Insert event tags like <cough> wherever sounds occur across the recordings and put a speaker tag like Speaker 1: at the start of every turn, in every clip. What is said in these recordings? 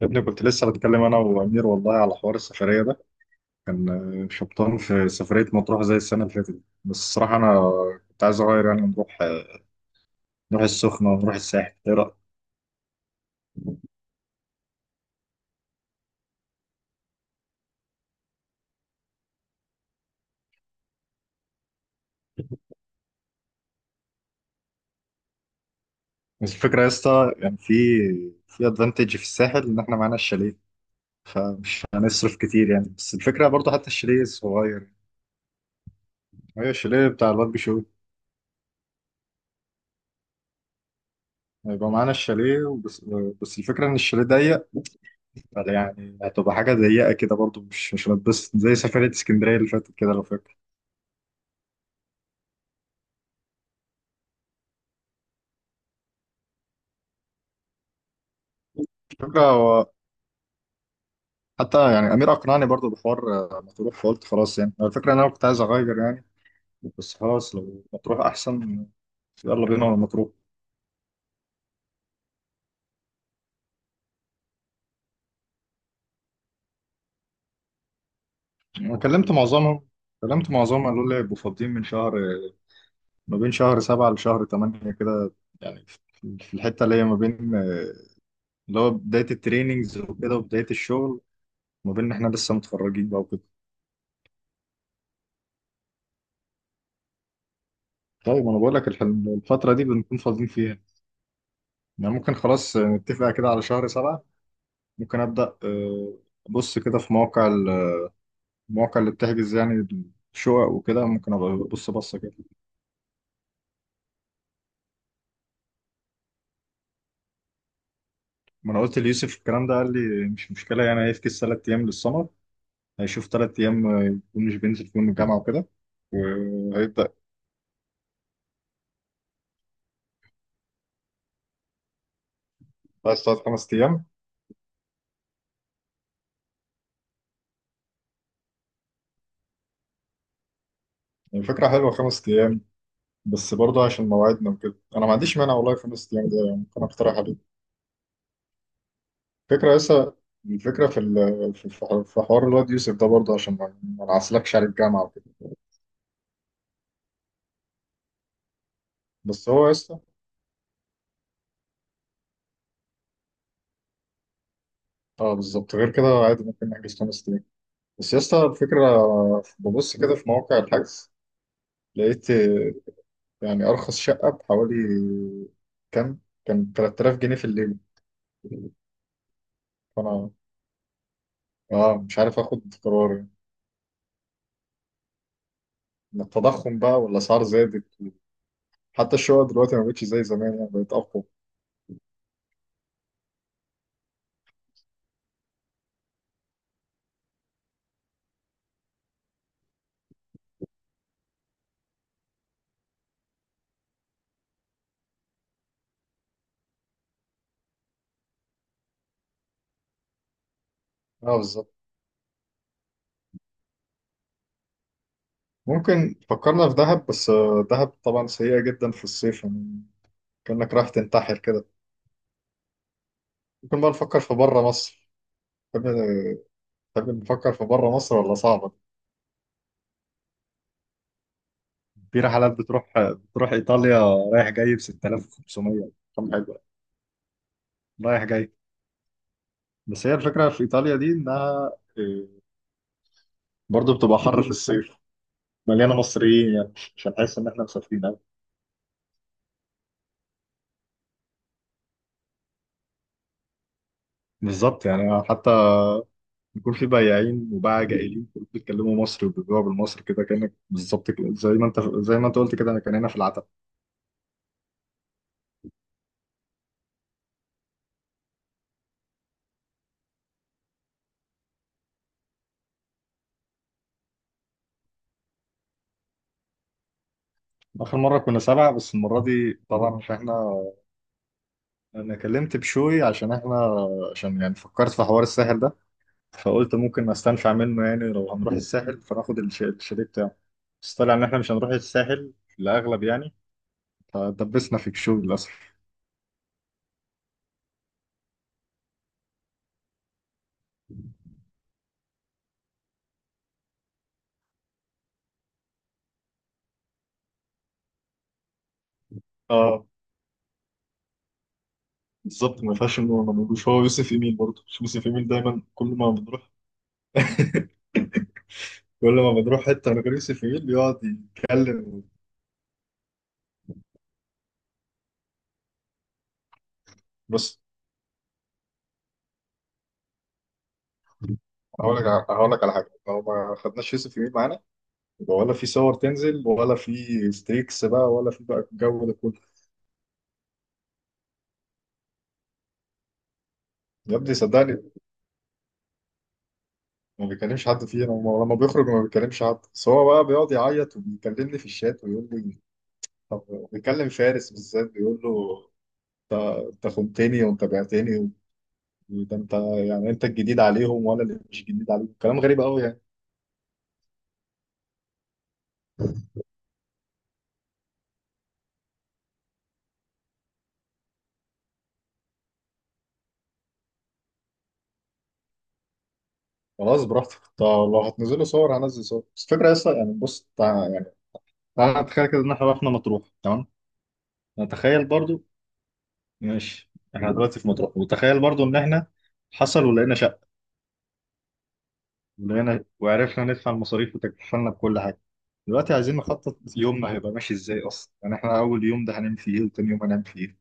Speaker 1: يا ابني، كنت لسه بتكلم انا وامير والله على حوار السفريه ده. كان شبطان في سفريه مطروح زي السنه اللي فاتت دي. بس الصراحه انا كنت عايز اغير، يعني نروح السخنه ونروح الساحل. ايه رايك؟ بس الفكره يا اسطى، يعني في ادفانتج في الساحل ان احنا معانا الشاليه، فمش هنصرف كتير يعني. بس الفكره برضو حتى الشاليه صغير. هي الشاليه بتاع الواد بيشو. هيبقى معانا الشاليه وبس. بس الفكره ان الشاليه ضيق، يعني هتبقى حاجه ضيقه كده برضو. مش هنتبسط زي سفريه اسكندريه اللي فاتت كده لو فاكر. الفكرة هو حتى يعني أمير أقنعني برضو بحوار مطروح. فقلت خلاص يعني هو الفكرة إن أنا كنت عايز أغير يعني. بس خلاص لو مطروح أحسن. يلا بينا على مطروح. أنا كلمت معظمهم كلمت معظمهم، قالوا لي يبقوا فاضيين من شهر. ما بين شهر 7 لشهر تمانية كده. يعني في الحتة اللي هي ما بين اللي هو بداية التريننجز وكده وبداية الشغل. ما بين إن إحنا لسه متخرجين بقى وكده. طيب أنا بقول لك الفترة دي بنكون فاضيين فيها. يعني ممكن خلاص، نتفق كده على شهر 7. ممكن أبدأ أبص كده في مواقع المواقع اللي بتحجز يعني الشقق وكده. ممكن أبقى أبص بصة كده. ما أنا قلت ليوسف الكلام ده، قال لي مش مشكلة. يعني هيفكس 3 أيام للسمر. هيشوف 3 أيام، يكون مش بينزل فيهم الجامعة وكده. وهيبدأ. بس 3، 5 أيام. يعني فكرة حلوة، 5 أيام. بس برضه عشان مواعيدنا وكده أنا ما عنديش مانع والله. 5 أيام ده يعني ممكن أقترح عليه. فكرة لسه. الفكرة في ال- في في- حوار في حوار الواد يوسف ده، برضه عشان ما نعسلكش على الجامعة وكده. بس هو لسه. اه بالظبط. غير كده عادي ممكن نحجز 5 ايام. بس يا اسطى الفكره، ببص كده في مواقع الحجز. لقيت يعني ارخص شقه بحوالي كام؟ كان 3000 جنيه في الليل. فانا اه مش عارف اخد قرار يعني. من التضخم بقى والاسعار زادت. حتى الشقق دلوقتي ما بقتش زي زمان، يعني بقت اقوى. اه بالظبط. ممكن فكرنا في دهب، بس دهب طبعا سيئه جدا في الصيف يعني. كانك رايح تنتحر كده. ممكن بقى نفكر في بره مصر. تحب تحب نفكر في بره مصر ولا صعبه؟ في رحلات بتروح ايطاليا، رايح جاي ب 6500. كم حلوه. رايح جاي. بس هي الفكره في ايطاليا دي، انها إيه، برضو بتبقى حر في الصيف. مليانه مصريين، يعني مش هنحس ان احنا مسافرين قوي. بالظبط يعني، حتى بيكون في بياعين وباعة جائلين كلهم بيتكلموا مصري وبيبيعوا بالمصري كده، كانك بالظبط كده زي ما انت قلت كده. انا كان هنا في العتب. اخر مره كنا 7، بس المره دي طبعا مش احنا. انا كلمت بشوي عشان احنا، عشان يعني فكرت في حوار الساحل ده. فقلت ممكن استنفع منه، يعني لو هنروح الساحل فناخد الشاليه بتاعه. بس طلع ان احنا مش هنروح الساحل، الاغلب يعني. فدبسنا في الشغل للاسف. اه بالظبط. ما ينفعش انه ما نقولوش. هو يوسف ايميل برضه، مش يوسف ايميل دايما كل ما بنروح حته من غير يوسف ايميل يقعد يتكلم. بص، هقول لك على حاجه. لو ما خدناش يوسف ايميل معانا، يبقى ولا في صور تنزل ولا في ستريكس بقى، ولا في بقى الجو ده كله. يا ابني صدقني، ما بيكلمش حد فينا ولما بيخرج ما بيكلمش حد. بس هو بقى بيقعد يعيط وبيكلمني في الشات ويقول لي. طب، بيكلم فارس بالذات، بيقول له: انت انت خنتني وانت بعتني. وده انت، يعني انت الجديد عليهم وانا اللي مش جديد عليهم. كلام غريب قوي يعني. خلاص براحتك طب. لو هتنزلوا صور هنزل صور. بس الفكره اصلا، يعني بص يعني تعالى نتخيل كده ان احنا رحنا مطروح، تمام. نتخيل برضو، ماشي. احنا دلوقتي في مطروح، وتخيل برضو ان احنا حصل ولقينا شقه، ولقينا وعرفنا ندفع المصاريف وتكفلنا بكل حاجة. دلوقتي عايزين نخطط يومنا هيبقى ماشي ازاي اصلا. يعني احنا اول يوم ده هنعمل فيه ايه، وتاني يوم هنعمل فيه ايه؟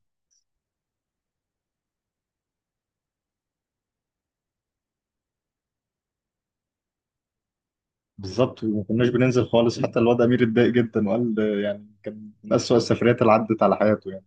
Speaker 1: بالظبط. وما كناش بننزل خالص، حتى الواد امير اتضايق جدا وقال يعني كان من اسوأ السفريات اللي عدت على حياته يعني.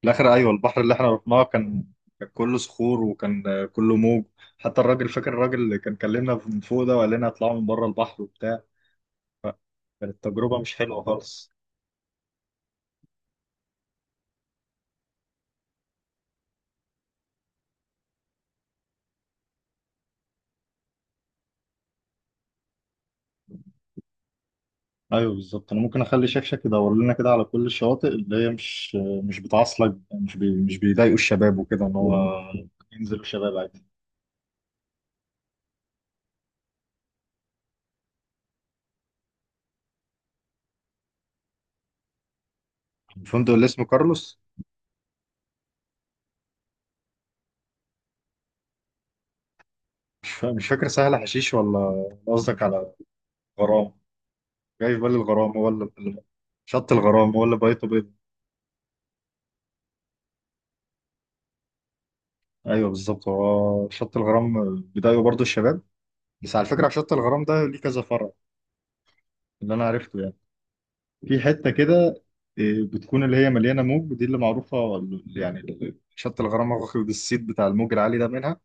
Speaker 1: في الاخر، ايوه، البحر اللي احنا رحناه كان كله صخور، وكان كله موج. حتى الراجل، فاكر الراجل اللي كان كلمنا من فوق ده وقال لنا اطلعوا من بره البحر وبتاع. كانت تجربة مش حلوة خالص. ايوه بالظبط. انا ممكن اخلي شكشك يدور لنا كده على كل الشواطئ اللي هي مش بتعصلك، مش بيضايقوا الشباب وكده، ان هو ينزلوا شباب عادي. الفندق اللي اسمه كارلوس؟ مش فاكر. سهل حشيش ولا قصدك على غرام؟ جاي في بالي الغرام، هو شط الغرام هو اللي بيته بيض. ايوه بالظبط، هو شط الغرام بيضايقوا برضو الشباب. بس على فكره شط الغرام ده ليه كذا فرع، اللي انا عرفته يعني. في حتة كده، بتكون اللي هي مليانة موج. دي اللي معروفة، شط الغرام واخد الصيت بتاع الموج العالي ده منها.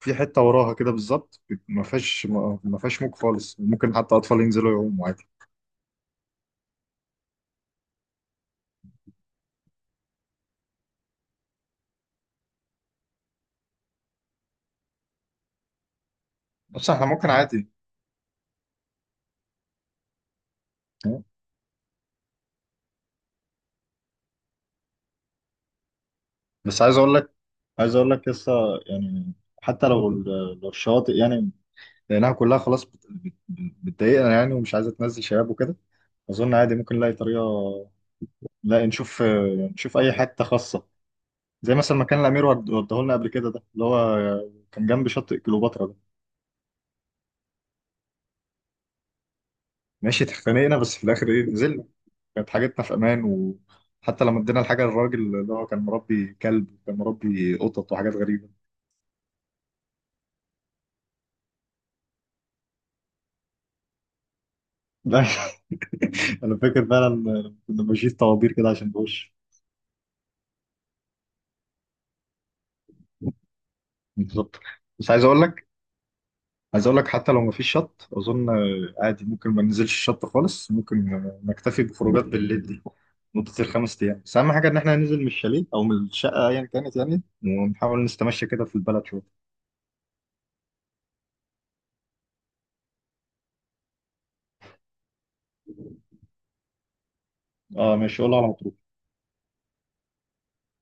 Speaker 1: في حتة وراها كده بالظبط ما فيهاش موج خالص. ممكن حتى أطفال ينزلوا يعوموا عادي. بس احنا ممكن عادي. بس عايز أقول لك لسه، يعني حتى لو لو الشواطئ، يعني لأنها كلها خلاص بتضايقنا يعني، ومش عايزة تنزل شباب وكده. أظن عادي ممكن نلاقي طريقة. لا، نشوف أي حتة خاصة، زي مثلا ما كان الامير وداه لنا قبل كده، ده اللي هو كان جنب شاطئ كليوباترا ده. ماشي اتخانقنا، بس في الاخر ايه، نزلنا. كانت حاجتنا في امان. وحتى لما ادينا الحاجه للراجل اللي هو كان مربي كلب وكان مربي قطط وحاجات غريبه. <laughs> لا، انا فاكر فعلا، كنا ماشيين طوابير كده عشان نخش. بالظبط. بس عايز اقول لك حتى لو مفيش شط، اظن عادي ممكن ما ننزلش الشط خالص. ممكن نكتفي بخروجات بالليل دي، مدة الخمس ايام. بس اهم حاجة ان احنا ننزل من الشاليه او من الشقة ايا كانت، يعني ونحاول نستمشى كده في البلد شوية. اه ماشي، قول على مطروح.